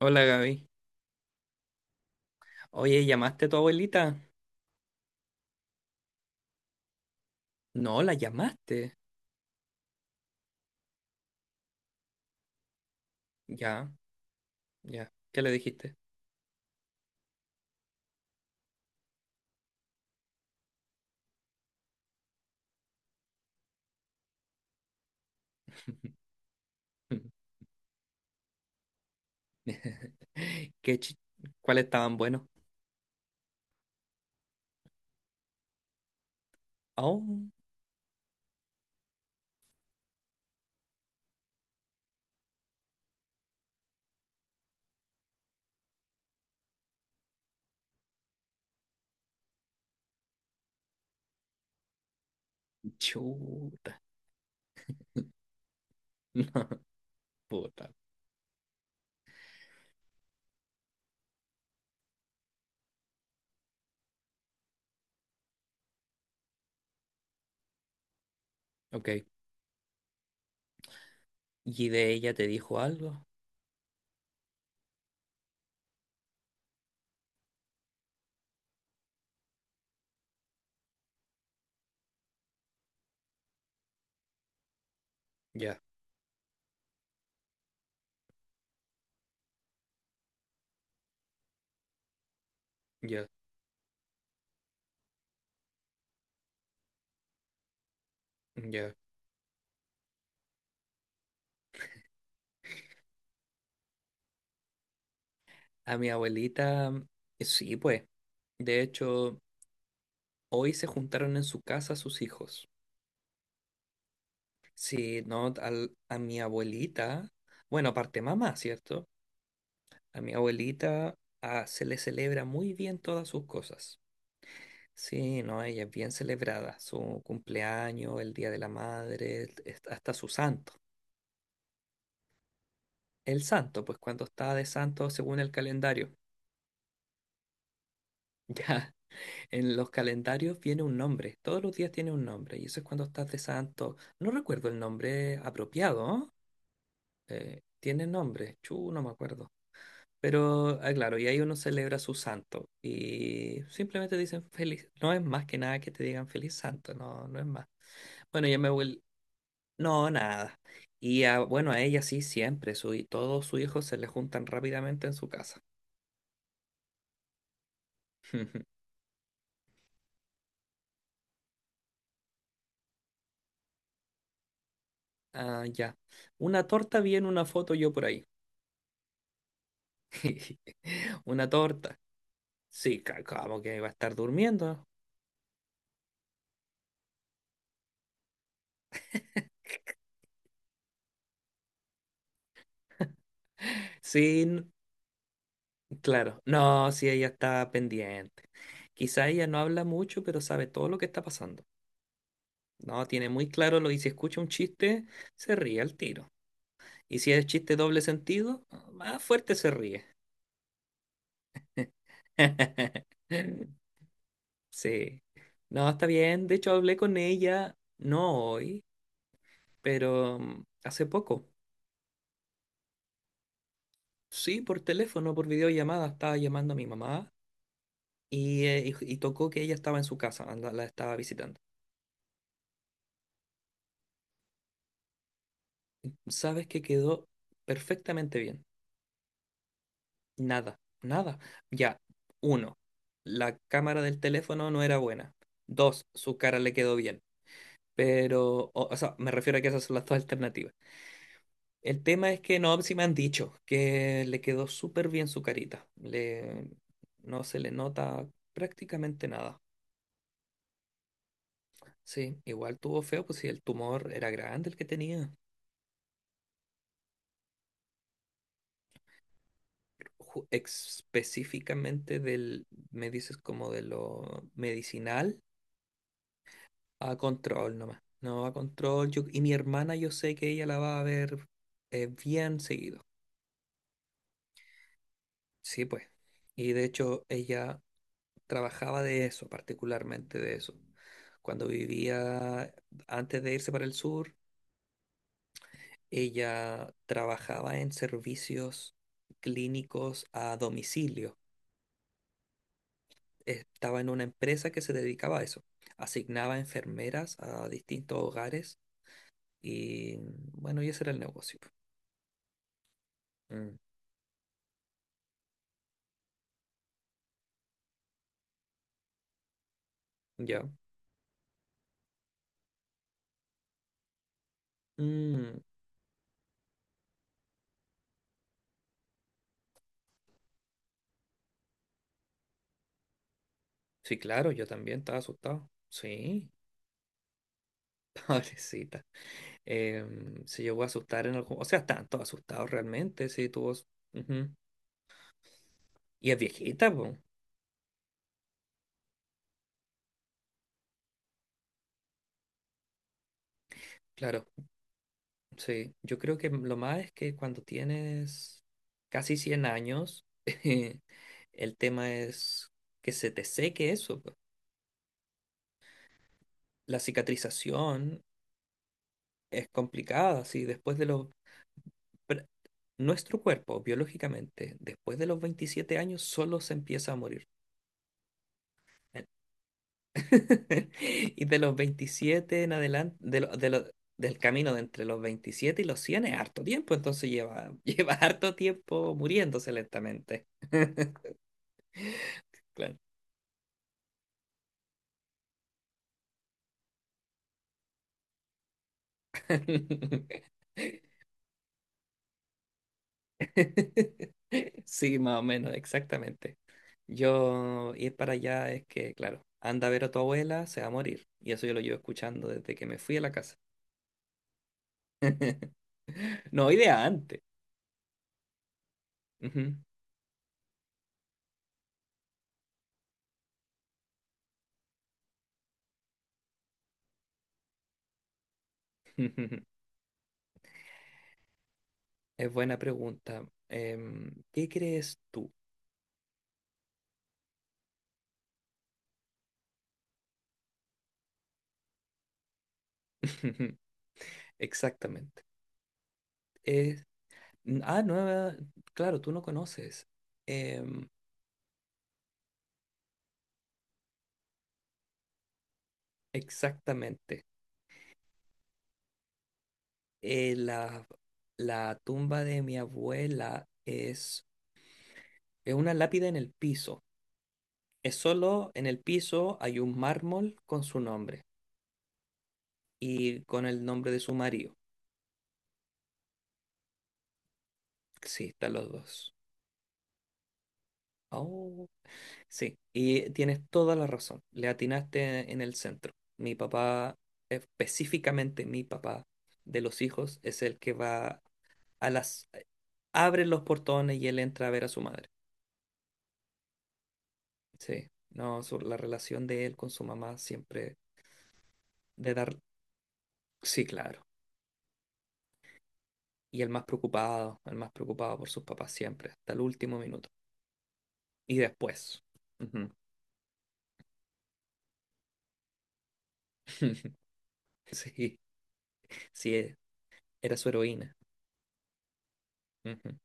Hola Gaby. Oye, ¿llamaste a tu abuelita? No, la llamaste. Ya, ya. ¿Qué le dijiste? ¿Qué chi- ¿Cuáles estaban buenos? Oh, chuta. No, puta. Ok. ¿Y de ella te dijo algo? Ya, ya, ya. A mi abuelita, sí, pues. De hecho, hoy se juntaron en su casa sus hijos. Sí, no, a mi abuelita. Bueno, aparte mamá, ¿cierto? A mi abuelita se le celebra muy bien todas sus cosas. Sí, no, ella es bien celebrada. Su cumpleaños, el Día de la Madre, hasta su santo. El santo, pues cuando está de santo según el calendario. Ya, en los calendarios viene un nombre. Todos los días tiene un nombre. Y eso es cuando estás de santo. No recuerdo el nombre apropiado, ¿no? Tiene nombre. Chu, no me acuerdo. Pero, ah, claro, y ahí uno celebra su santo y simplemente dicen feliz. No es más que nada que te digan feliz santo, no, no es más. Bueno, yo me vuelvo. No, nada. Y a, bueno, a ella sí, siempre. Su, y todos sus hijos se le juntan rápidamente en su casa. Ah, ya. Una torta, bien, una foto yo por ahí. Una torta. Sí, como que va a estar durmiendo. Sí, claro, no, sí, ella está pendiente. Quizá ella no habla mucho, pero sabe todo lo que está pasando. No, tiene muy claro lo y si escucha un chiste, se ríe al tiro. Y si es chiste doble sentido, más fuerte se ríe. Sí, no, está bien. De hecho, hablé con ella, no hoy, pero hace poco. Sí, por teléfono, por videollamada, estaba llamando a mi mamá y, y tocó que ella estaba en su casa, la estaba visitando. Sabes que quedó perfectamente bien. Nada, nada. Ya, uno, la cámara del teléfono no era buena. Dos, su cara le quedó bien. Pero, o sea, me refiero a que esas son las dos alternativas. El tema es que no, si me han dicho que le quedó súper bien su carita. Le, no se le nota prácticamente nada. Sí, igual tuvo feo, pues si el tumor era grande el que tenía. Específicamente del, me dices como de lo medicinal. A control nomás. No, a control. Yo, y mi hermana, yo sé que ella la va a ver bien seguido. Sí, pues. Y de hecho, ella trabajaba de eso, particularmente de eso. Cuando vivía, antes de irse para el sur, ella trabajaba en servicios clínicos a domicilio. Estaba en una empresa que se dedicaba a eso. Asignaba enfermeras a distintos hogares y bueno, y ese era el negocio. Mm, ya. Mm, sí, claro, yo también estaba asustado. Sí, pobrecita. Se llegó a asustar en algún... O sea, estaban todos asustados realmente, sí, ujú. Y es viejita, pues, claro. Sí, yo creo que lo más es que cuando tienes casi 100 años, el tema es que se te seque eso. Po. La cicatrización es complicada, sí, después de pr- nuestro cuerpo, biológicamente, después de los 27 años, solo se empieza a morir. Y de los 27 en adelante, del camino de entre los 27 y los 100 es harto tiempo, entonces lleva, lleva harto tiempo muriéndose lentamente. Claro. Sí, más o menos, exactamente. Yo ir para allá es que, claro, anda a ver a tu abuela, se va a morir. Y eso yo lo llevo escuchando desde que me fui a la casa. No, idea antes. Ujú. Es buena pregunta. Em, ¿qué crees tú? Exactamente. Es- ah, nueva, claro, tú no conoces. Em, exactamente. Eh, la, la tumba de mi abuela es una lápida en el piso. Es solo en el piso hay un mármol con su nombre y con el nombre de su marido. Sí, están los dos. Oh, sí, y tienes toda la razón. Le atinaste en el centro. Mi papá, específicamente mi papá de los hijos, es el que va a las abre los portones y él entra a ver a su madre. Sí, no, su- la relación de él con su mamá siempre de dar, sí, claro. Y el más preocupado por sus papás siempre, hasta el último minuto. Y después. Ujú. Sí, sí, e- era su heroína. Ujú.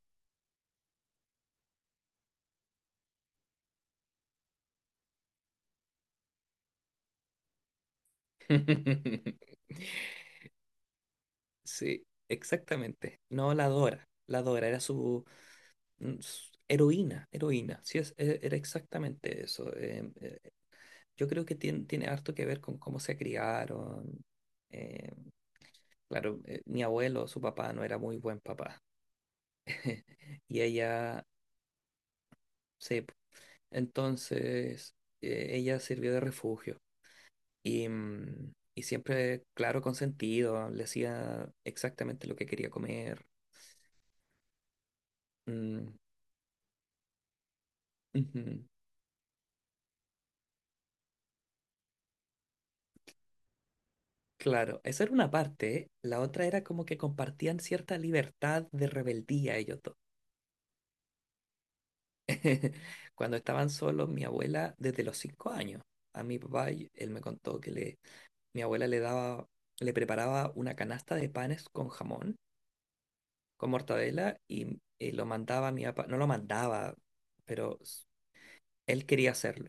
Sí, exactamente. No, la adora, era su heroína, heroína. Sí, era exactamente eso. Yo creo que tiene harto que ver con cómo se criaron. Eh, claro, mi abuelo, su papá no era muy buen papá. Y ella se... Entonces, ella sirvió de refugio. Y, y siempre, claro, consentido, le hacía exactamente lo que quería comer. Mm, ujú. Claro, esa era una parte. La otra era como que compartían cierta libertad de rebeldía ellos dos. Cuando estaban solos, mi abuela, desde los 5 años, a mi papá, él me contó que mi abuela le daba, le preparaba una canasta de panes con jamón, con mortadela, y, lo mandaba a mi papá, no lo mandaba, pero s- él quería hacerlo.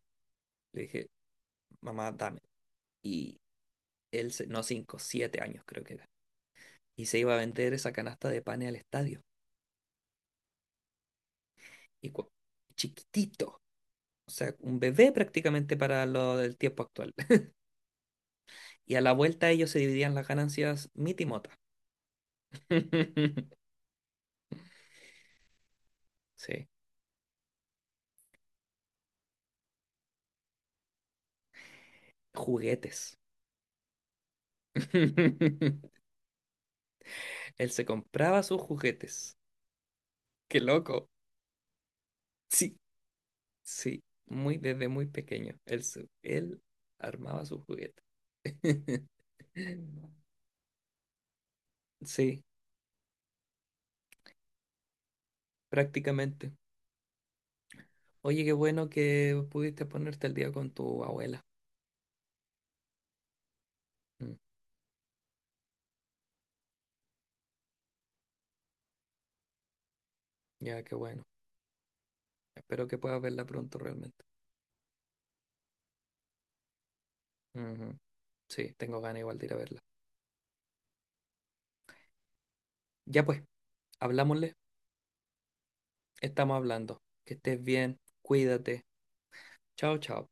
Le dije, mamá, dame. Y no 5, 7 años creo que era. Y se iba a vender esa canasta de panes al estadio. Y cu- chiquitito, o sea, un bebé prácticamente para lo del tiempo actual. Y a la vuelta ellos se dividían las ganancias mitimota. Sí, juguetes. Él se compraba sus juguetes. Qué loco. Sí, sí, muy desde muy pequeño. Él armaba sus juguetes. Sí, prácticamente. Oye, qué bueno que pudiste ponerte al día con tu abuela. Mm, ya, qué bueno. Espero que puedas verla pronto realmente. Ujú. Sí, tengo ganas igual de ir a verla. Ya pues, hablámosle. Estamos hablando. Que estés bien, cuídate. Chao, chao.